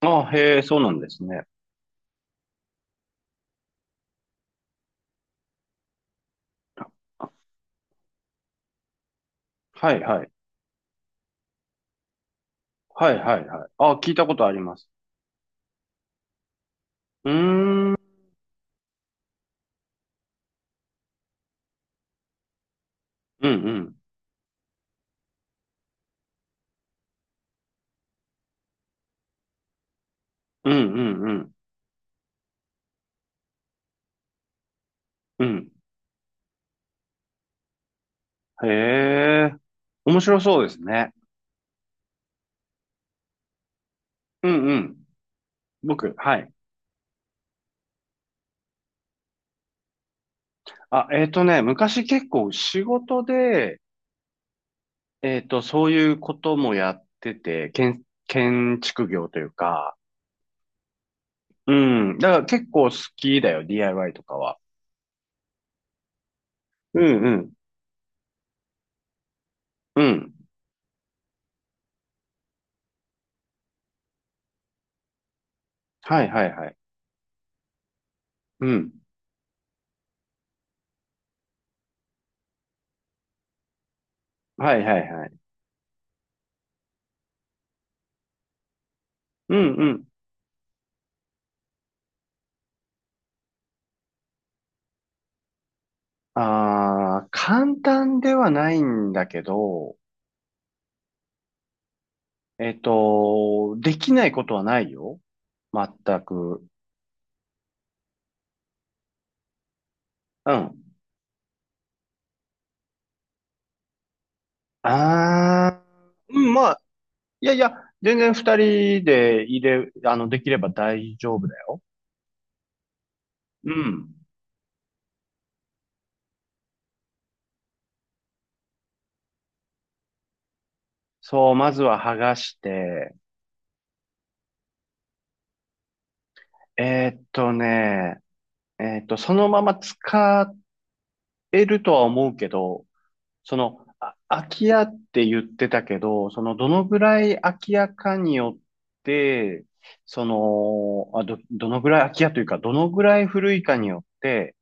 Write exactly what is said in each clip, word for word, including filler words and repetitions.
あ、へえ、そうなんですね。はいはい。はいはいはい。あ、聞いたことあります。うーん。うんうん。うんうんうん。うん。へえ。面白そうですね。うんうん。僕、はい。あ、えっとね、昔結構仕事で、えっと、そういうこともやってて、建、建築業というか、うん。だから結構好きだよ、ディーアイワイ とかは。うんうん。うん。はいはいはい。うん。はいはいはい。うん。ああ、簡単ではないんだけど、えっと、できないことはないよ。全く。うん。ああ、うん、まあ、いやいや、全然二人で入れ、あの、できれば大丈夫だよ。うん。そう、まずは剥がして、えーっとね、えーっと、そのまま使えるとは思うけど、その、あ、空き家って言ってたけど、その、どのぐらい空き家かによって、その、あ、ど、どのぐらい空き家というか、どのぐらい古いかによって、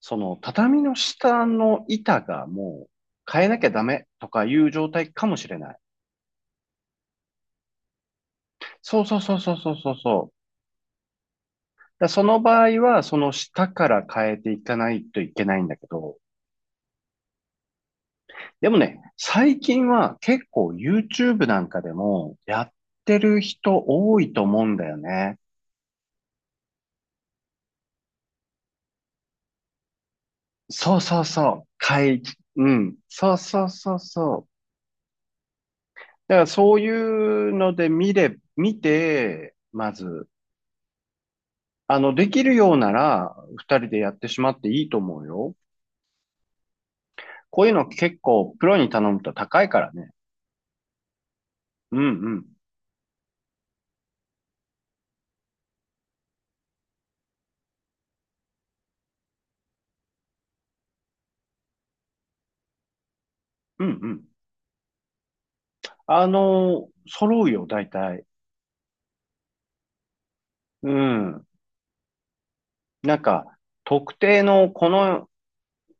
その、畳の下の板がもう変えなきゃダメとかいう状態かもしれない。そうそうそうそうそうそうそう。だその場合は、その下から変えていかないといけないんだけど、でもね、最近は結構 YouTube なんかでもやってる人多いと思うんだよね。そうそうそう。会議、うん。そうそうそうそう。だからそういうので見れ、見て、まず、あの、できるようなら、二人でやってしまっていいと思うよ。こういうの結構、プロに頼むと高いからね。うんうん。うんうん。あの、揃うよ、大体。うん。なんか、特定のこの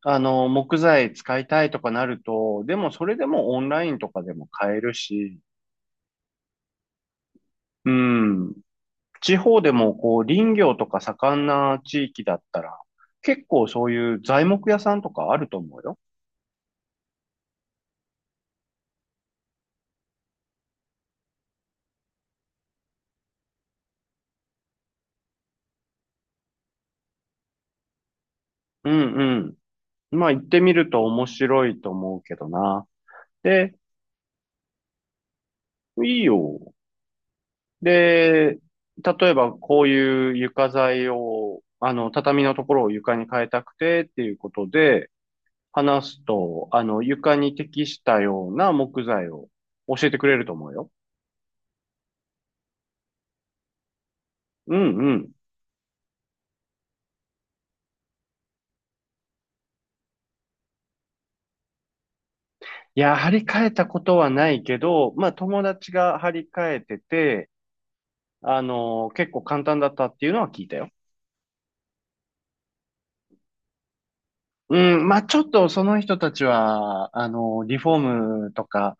あの、木材使いたいとかなると、でもそれでもオンラインとかでも買えるし、うん。地方でもこう林業とか盛んな地域だったら、結構そういう材木屋さんとかあると思うよ。うんうん。まあ行ってみると面白いと思うけどな。で、いいよ。で、例えばこういう床材を、あの、畳のところを床に変えたくてっていうことで、話すと、あの、床に適したような木材を教えてくれると思うよ。うんうん。いや、張り替えたことはないけど、まあ友達が張り替えてて、あの、結構簡単だったっていうのは聞いたよ。うん、まあちょっとその人たちは、あの、リフォームとか、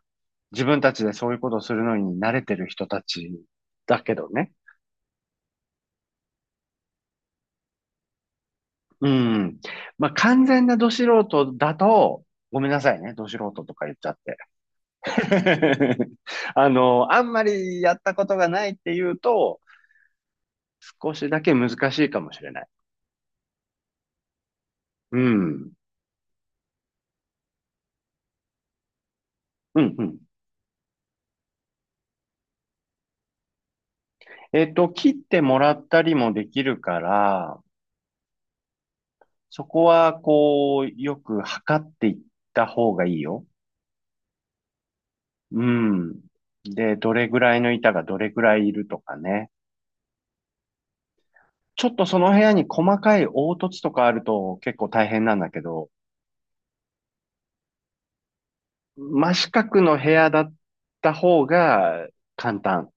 自分たちでそういうことをするのに慣れてる人たちだけどね。うん。まあ完全なド素人だと、ごめんなさいね、ド素人とか言っちゃって。あの、あんまりやったことがないっていうと、少しだけ難しいかもしれない。うん。うんうん。えっと、切ってもらったりもできるから、そこは、こう、よく測っていった方がいいよ。うん。で、どれぐらいの板がどれぐらいいるとかね。ちょっとその部屋に細かい凹凸とかあると結構大変なんだけど、真四角の部屋だった方が簡単。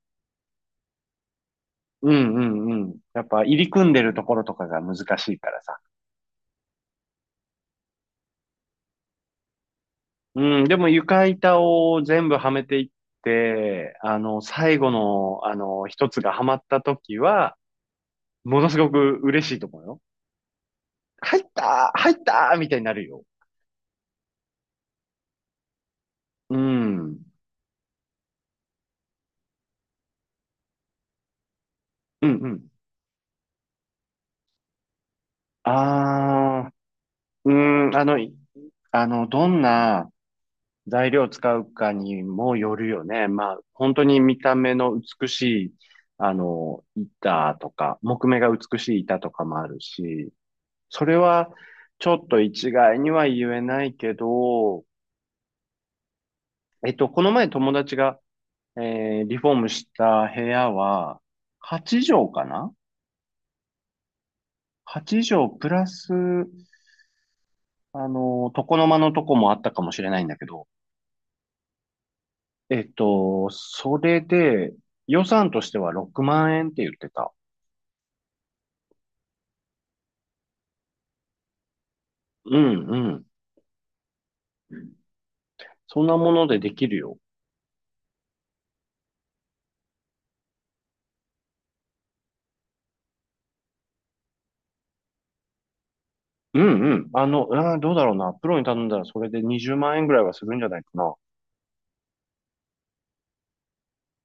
うんうんうん。やっぱ入り組んでるところとかが難しいからさ。うん、でも床板を全部はめていって、あの、最後の、あの、一つがはまった時は、ものすごく嬉しいと思うよ。入ったー入ったーみたいになるよ。うん。うんうん。ああ、うん、あの、いあの、どんな材料を使うかにもよるよね。まあ、本当に見た目の美しい、あの、板とか、木目が美しい板とかもあるし、それはちょっと一概には言えないけど、えっと、この前友達が、えーリフォームした部屋は、はち畳かな、 はち 畳プラス、あの、床の間のとこもあったかもしれないんだけど、えっと、それで、予算としてはろくまん円って言ってた。うんうん。そんなものでできるよ。うんうん。あの、うん、どうだろうな。プロに頼んだらそれでにじゅうまん円ぐらいはするんじゃないかな。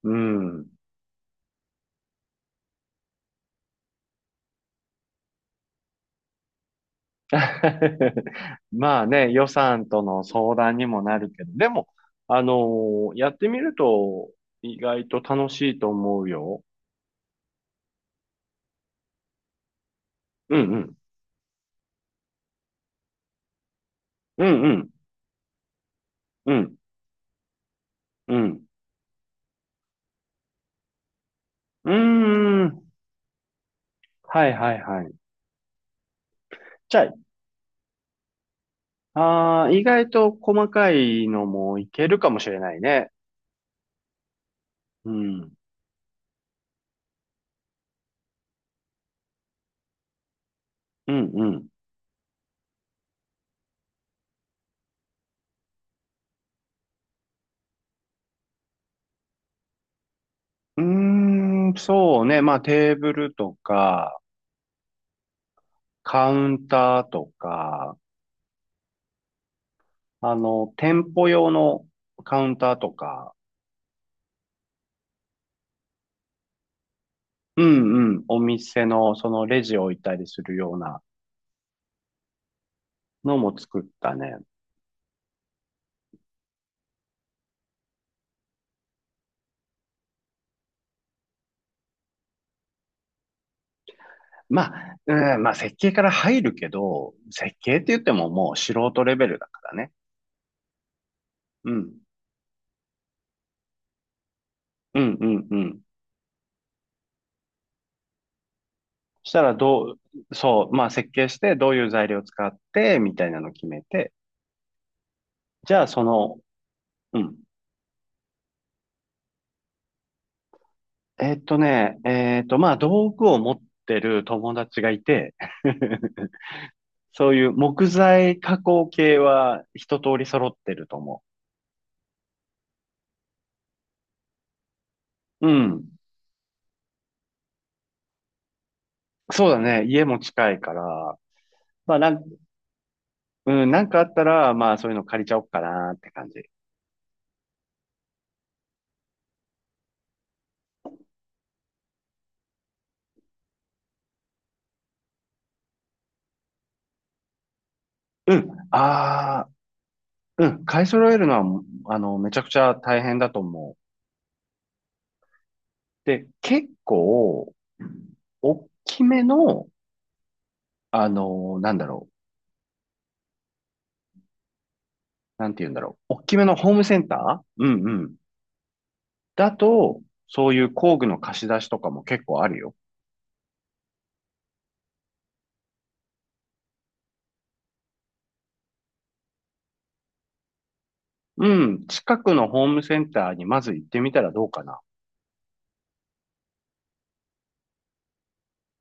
うん。まあね、予算との相談にもなるけど、でも、あのーやってみると意外と楽しいと思うよ。うんうん。うんうん。うんうん。うーん。はいはいはい。じゃあ、あー、意外と細かいのもいけるかもしれないね。うん。うんうん。うーん、そうね。まあ、テーブルとか、カウンターとか、あの、店舗用のカウンターとか、うんうん、お店のそのレジを置いたりするようなのも作ったね。まあ、うん、まあ、設計から入るけど、設計って言ってももう素人レベルだからね。うん、うん、うん、うん。したらどう、そう、まあ、設計してどういう材料を使って、みたいなのを決めて、じゃあその、うん。えっとね、えっと、まあ、道具を持ってる友達がいて、そういう木材加工系は一通り揃ってると思う。うん。そうだね。家も近いから、まあ、なん、うん、なんかあったら、まあ、そういうの借りちゃおっかなって感じ。うん。ああ、うん。買い揃えるのは、あの、めちゃくちゃ大変だと思う。で、結構、大きめの、あの、なんだろう。なんて言うんだろう。大きめのホームセンター、うんうん、だと、そういう工具の貸し出しとかも結構あるよ。うん。近くのホームセンターにまず行ってみたらどうかな。